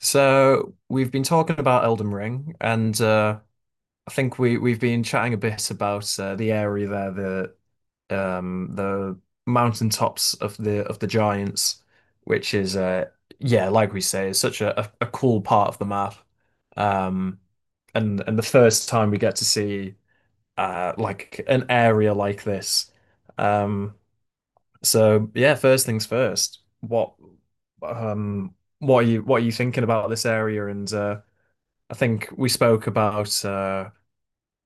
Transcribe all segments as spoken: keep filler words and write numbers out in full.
So we've been talking about Elden Ring, and uh, I think we we've been chatting a bit about uh, the area there, the um, the mountaintops of the of the giants, which is uh, yeah, like we say, is such a, a, a cool part of the map. Um, and and the first time we get to see uh, like an area like this. Um, so yeah, first things first. What um, what are you what are you thinking about this area and uh, I think we spoke about uh,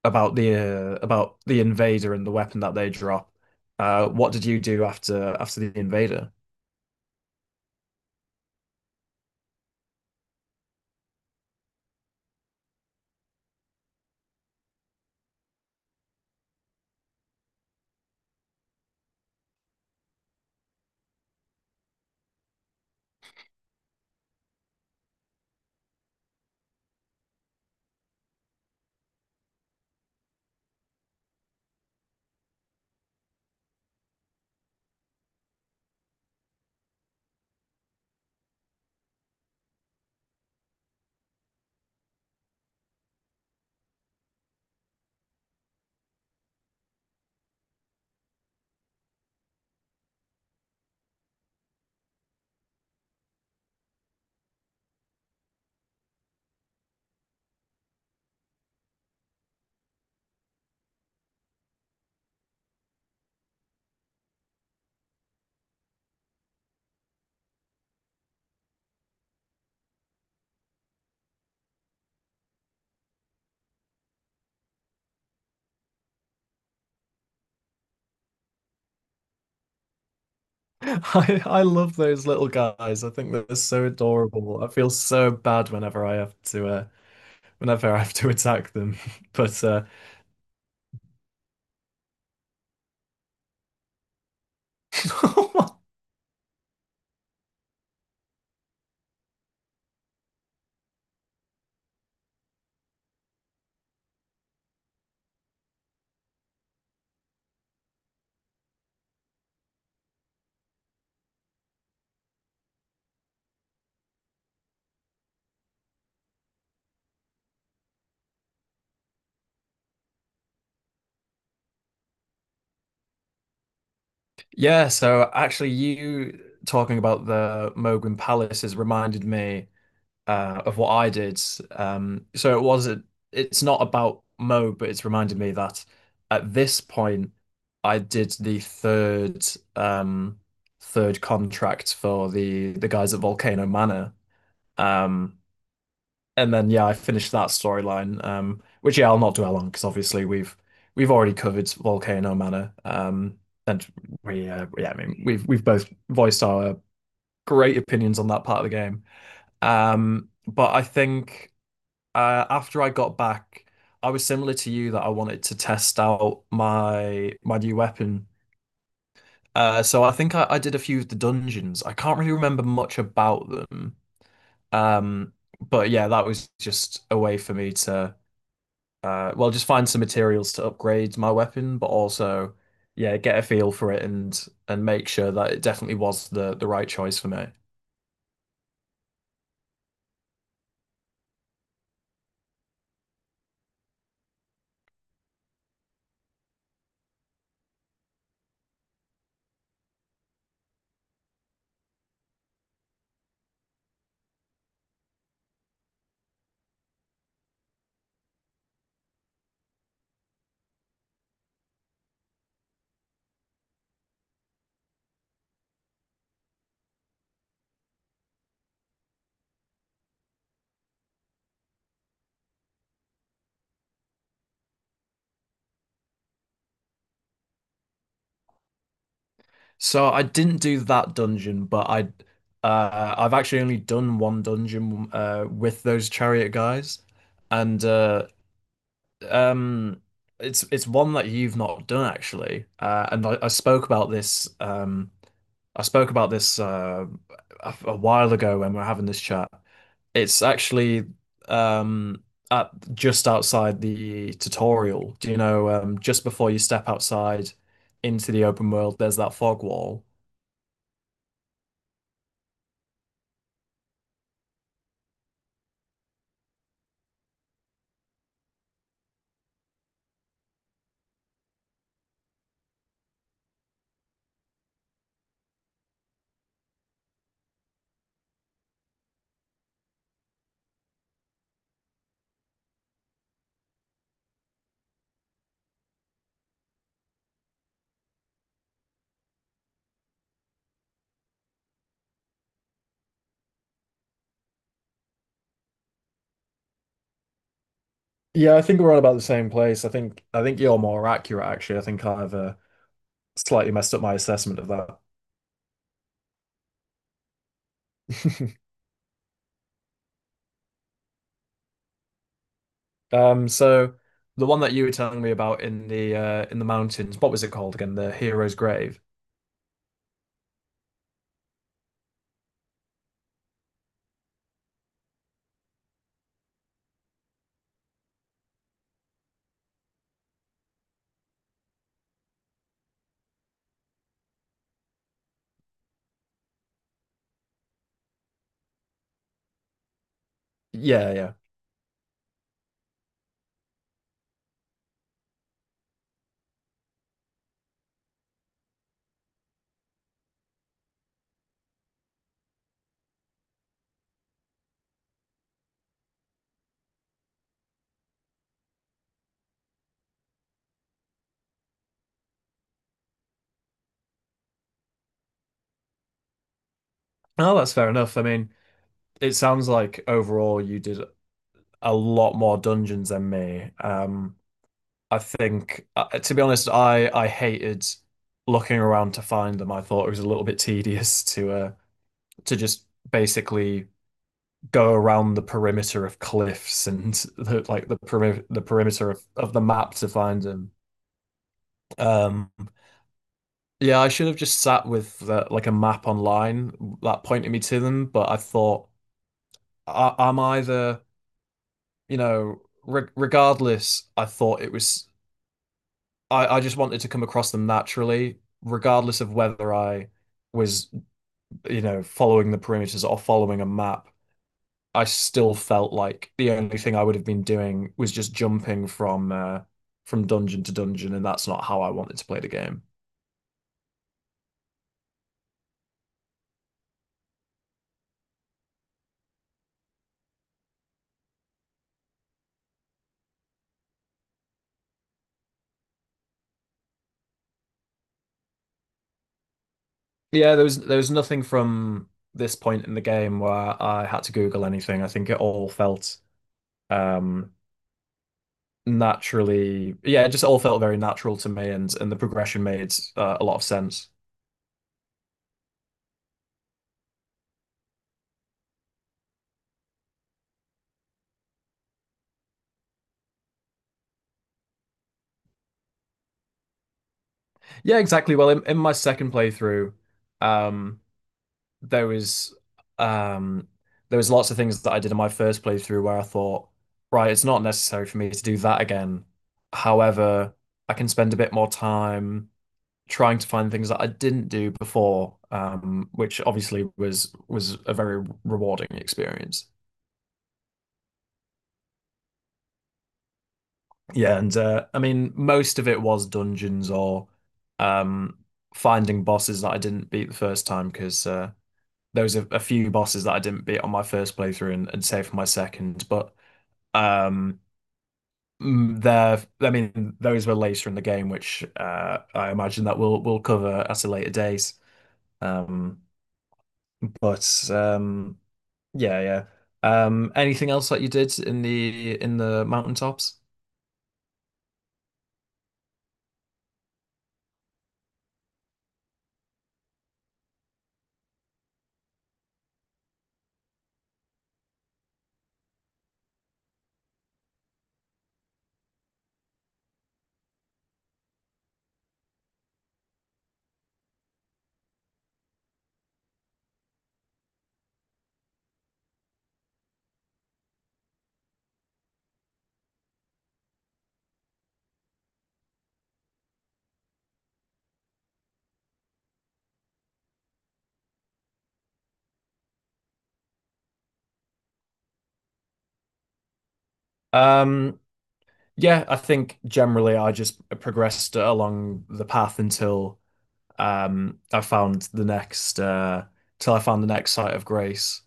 about the uh, about the invader and the weapon that they drop. Uh, what did you do after after the invader? I I love those little guys. I think they're so adorable. I feel so bad whenever I have to uh, whenever I have to attack them. But uh, yeah, so actually, you talking about the Moguin Palace has reminded me uh, of what I did. Um, so it wasn't, it's not about Mo, but it's reminded me that at this point, I did the third um, third contract for the the guys at Volcano Manor. Um, and then yeah, I finished that storyline, um, which yeah, I'll not dwell on because obviously we've we've already covered Volcano Manor. Um, and we uh, yeah, I mean we've we've both voiced our great opinions on that part of the game. Um, but I think uh, after I got back, I was similar to you that I wanted to test out my my new weapon. Uh, so I think I, I did a few of the dungeons. I can't really remember much about them. Um, but yeah, that was just a way for me to uh, well, just find some materials to upgrade my weapon, but also yeah, get a feel for it and and make sure that it definitely was the the right choice for me. So I didn't do that dungeon, but I uh, I've actually only done one dungeon uh, with those chariot guys, and uh, um, it's it's one that you've not done actually. Uh, and I, I spoke about this um, I spoke about this uh, a, a while ago when we are having this chat. It's actually um, at just outside the tutorial. Do you know um, just before you step outside into the open world, there's that fog wall. Yeah, I think we're all about the same place. I think I think you're more accurate, actually. I think I've uh, slightly messed up my assessment of that. Um, so the one that you were telling me about in the uh, in the mountains, what was it called again? The Hero's Grave. Yeah, yeah. Oh, that's fair enough. I mean, it sounds like overall you did a lot more dungeons than me. Um, I think, uh, to be honest, I I hated looking around to find them. I thought it was a little bit tedious to uh to just basically go around the perimeter of cliffs and the, like the perimeter the perimeter of, of the map to find them. Um, yeah, I should have just sat with the, like a map online that pointed me to them, but I thought I, I'm either you know re- regardless. I thought it was I, I just wanted to come across them naturally, regardless of whether I was you know following the perimeters or following a map. I still felt like the only thing I would have been doing was just jumping from uh, from dungeon to dungeon, and that's not how I wanted to play the game. Yeah, there was there was nothing from this point in the game where I had to Google anything. I think it all felt um, naturally, yeah, it just all felt very natural to me, and and the progression made uh, a lot of sense. Yeah, exactly. Well, in, in my second playthrough, um, there was um there was lots of things that I did in my first playthrough where I thought, right, it's not necessary for me to do that again. However, I can spend a bit more time trying to find things that I didn't do before, um, which obviously was was a very rewarding experience. Yeah, and uh, I mean, most of it was dungeons or um, finding bosses that I didn't beat the first time because uh, there was a, a few bosses that I didn't beat on my first playthrough and, and saved for my second. But Um, mm, there, I mean, those were later in the game, which uh, I imagine that we'll we'll cover at a later date. Um, but um, yeah, yeah. Um, anything else that you did in the in the mountaintops? Um, yeah, I think generally I just progressed along the path until um, I found the next uh, till I found the next site of grace,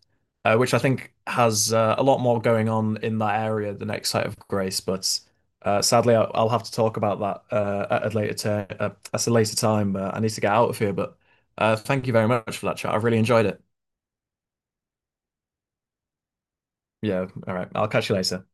uh, which I think has uh, a lot more going on in that area. The next site of grace, but uh, sadly, I, I'll have to talk about that uh, at a later t- uh, at a later time. Uh, I need to get out of here, but uh, thank you very much for that chat. I've really enjoyed it. Yeah, all right. I'll catch you later.